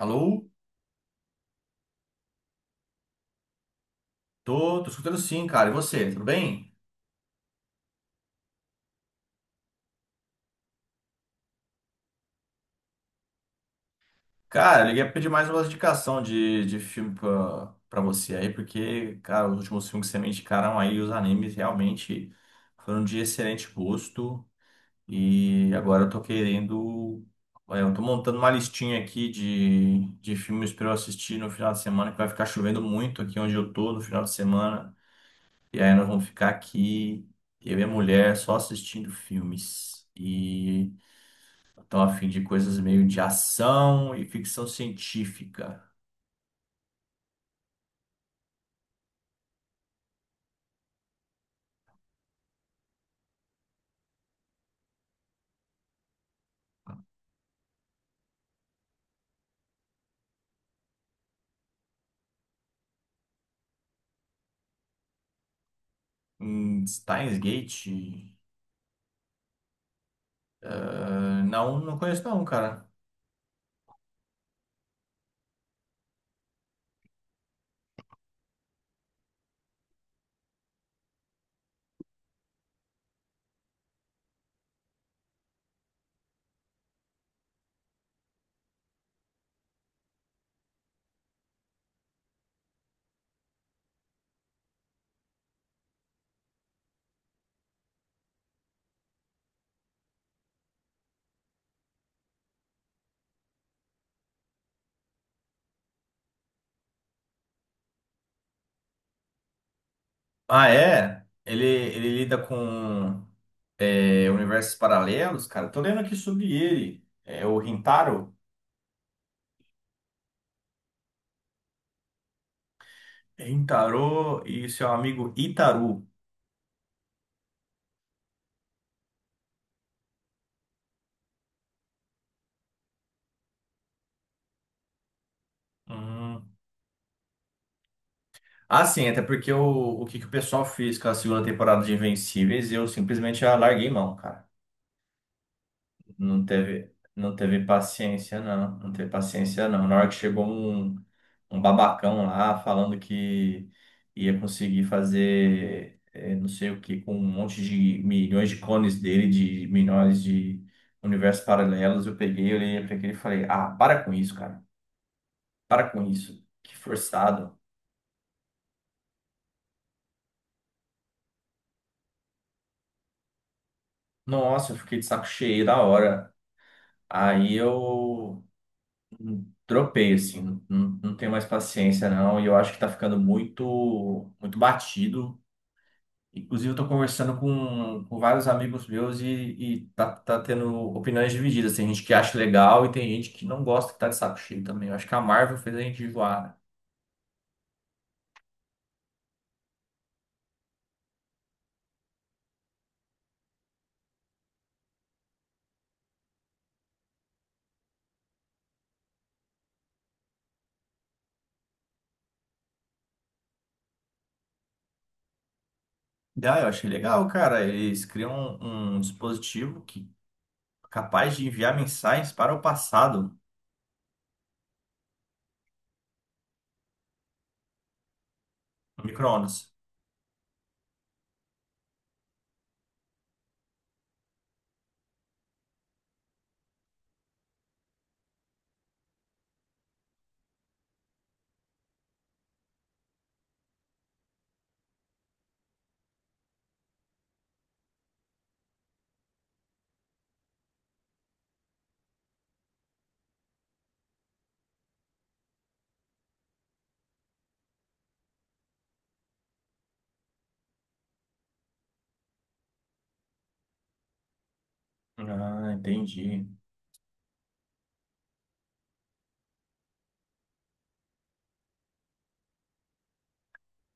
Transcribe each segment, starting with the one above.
Alô? Tô, escutando sim, cara. E você, tudo bem? Cara, eu liguei pra pedir mais uma indicação de filme pra você aí, porque, cara, os últimos filmes que você me indicaram aí, os animes realmente foram de excelente gosto. E agora eu tô querendo. Olha, eu tô montando uma listinha aqui de filmes pra eu assistir no final de semana, que vai ficar chovendo muito aqui onde eu tô no final de semana. E aí nós vamos ficar aqui, eu e a mulher, só assistindo filmes. Tô a fim de coisas meio de ação e ficção científica. Steins Gate? Ah, não, conheço não, cara. Ah, é? Ele lida com universos paralelos, cara. Tô lendo aqui sobre ele. É o Rintaro. Rintaro e seu amigo Itaru. Hum. Ah, sim, até porque o que o pessoal fez com a segunda temporada de Invencíveis, eu simplesmente já larguei mão, cara. Não teve paciência, não. Não teve paciência, não. Na hora que chegou um babacão lá falando que ia conseguir fazer não sei o que com um monte de milhões de clones dele, de milhões de universos paralelos, eu peguei, olhei pra aquele e falei, ah, para com isso, cara. Para com isso. Que forçado. Nossa, eu fiquei de saco cheio da hora. Aí eu dropei, assim, não, não tenho mais paciência, não, e eu acho que tá ficando muito, muito batido. Inclusive, eu tô conversando com vários amigos meus e tá tendo opiniões divididas. Tem gente que acha legal e tem gente que não gosta, que tá de saco cheio também. Eu acho que a Marvel fez a gente enjoar. Né? Ah, eu achei legal, cara. Eles criam um dispositivo que é capaz de enviar mensagens para o passado, no micro-ondas. Ah, entendi.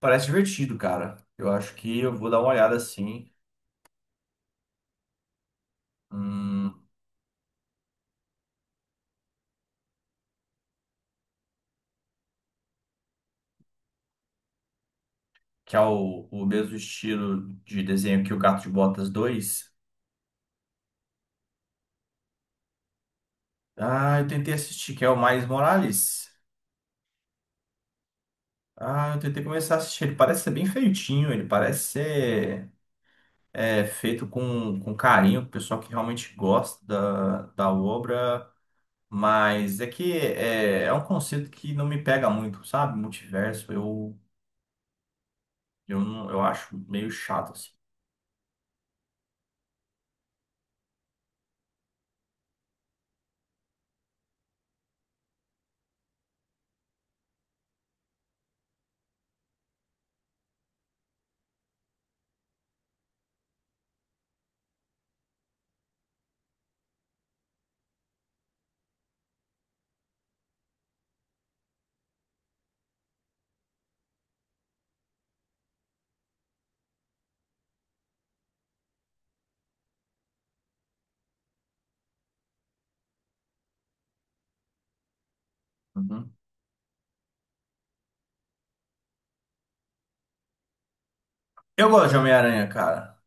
Parece divertido, cara. Eu acho que eu vou dar uma olhada assim. Hum, que é o mesmo estilo de desenho que o Gato de Botas 2. Ah, eu tentei assistir, que é o Miles Morales. Ah, eu tentei começar a assistir. Ele parece ser bem feitinho, ele parece ser feito com carinho, o pessoal que realmente gosta da obra. Mas é que é um conceito que não me pega muito, sabe? Multiverso, não, eu acho meio chato, assim. Uhum. Eu gosto de Homem-Aranha, cara.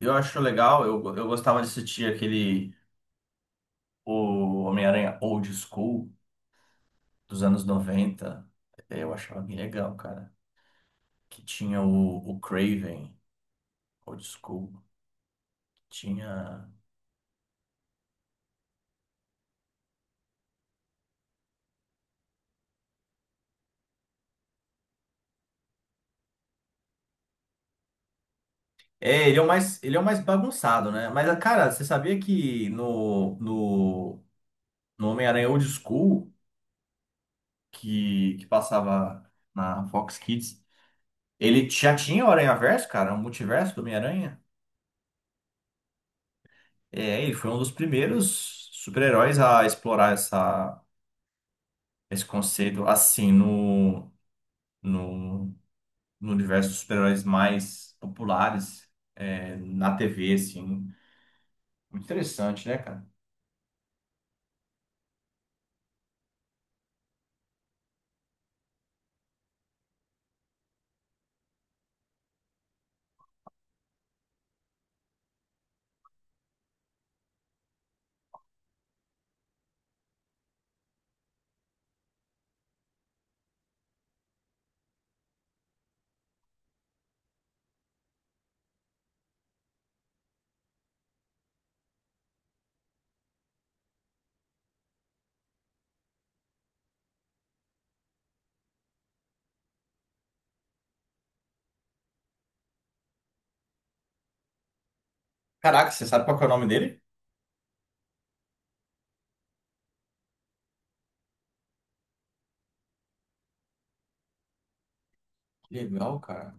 Eu acho legal, eu gostava de assistir aquele o Homem-Aranha Old School dos anos 90, eu achava bem legal, cara. Que tinha o Craven. Old School, tinha. É, ele é o mais, ele é o mais bagunçado, né? Mas, cara, você sabia que no Homem-Aranha Old School, que passava na Fox Kids, ele já tinha o Aranhaverso, cara, o multiverso do Homem-Aranha. É, ele foi um dos primeiros super-heróis a explorar essa, esse conceito assim no, no universo dos super-heróis mais populares na TV, assim. Muito interessante, né, cara? Caraca, você sabe qual que é o nome dele? Que legal, cara.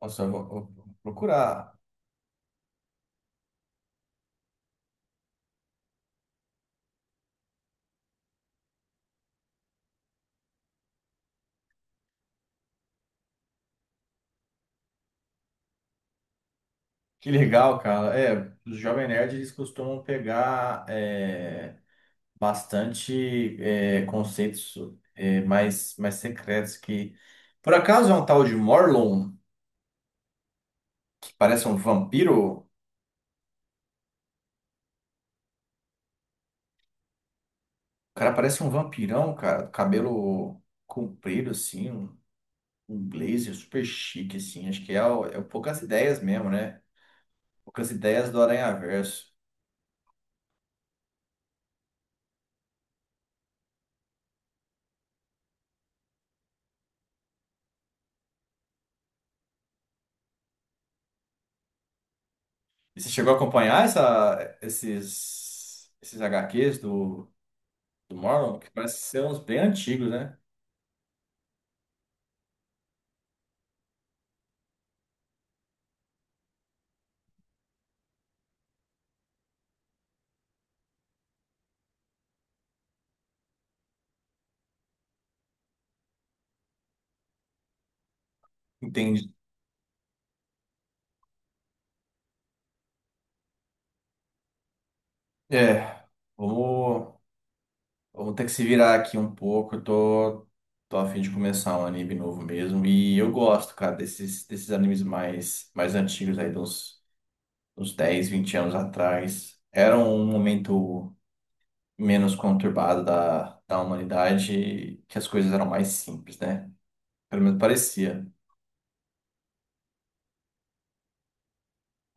Nossa, eu vou procurar. Que legal, cara. É, os Jovem Nerd, eles costumam pegar bastante conceitos mais, mais secretos que... Por acaso é um tal de Morlun, que parece um vampiro? O cara parece um vampirão, cara. Cabelo comprido, assim. Um um blazer super chique, assim. Acho que é, o- é o poucas ideias mesmo, né? Poucas ideias do Aranhaverso. E você chegou a acompanhar essa, esses, esses HQs do Marlon? Que parece ser uns bem antigos, né? Entendi. É, vamos, vamos ter que se virar aqui um pouco. Eu tô a fim de começar um anime novo mesmo. E eu gosto, cara, desses animes mais, mais antigos aí, dos, uns 10, 20 anos atrás. Era um momento menos conturbada da humanidade, que as coisas eram mais simples, né? Pelo menos parecia.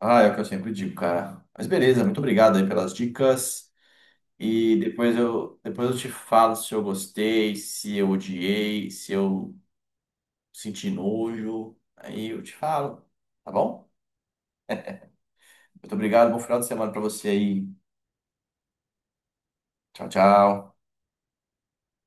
Ah, é o que eu sempre digo, cara. Mas beleza, muito obrigado aí pelas dicas. E depois eu te falo se eu gostei, se eu odiei, se eu senti nojo. Aí eu te falo, tá bom? Muito obrigado, bom final de semana pra você aí. Tchau, tchau.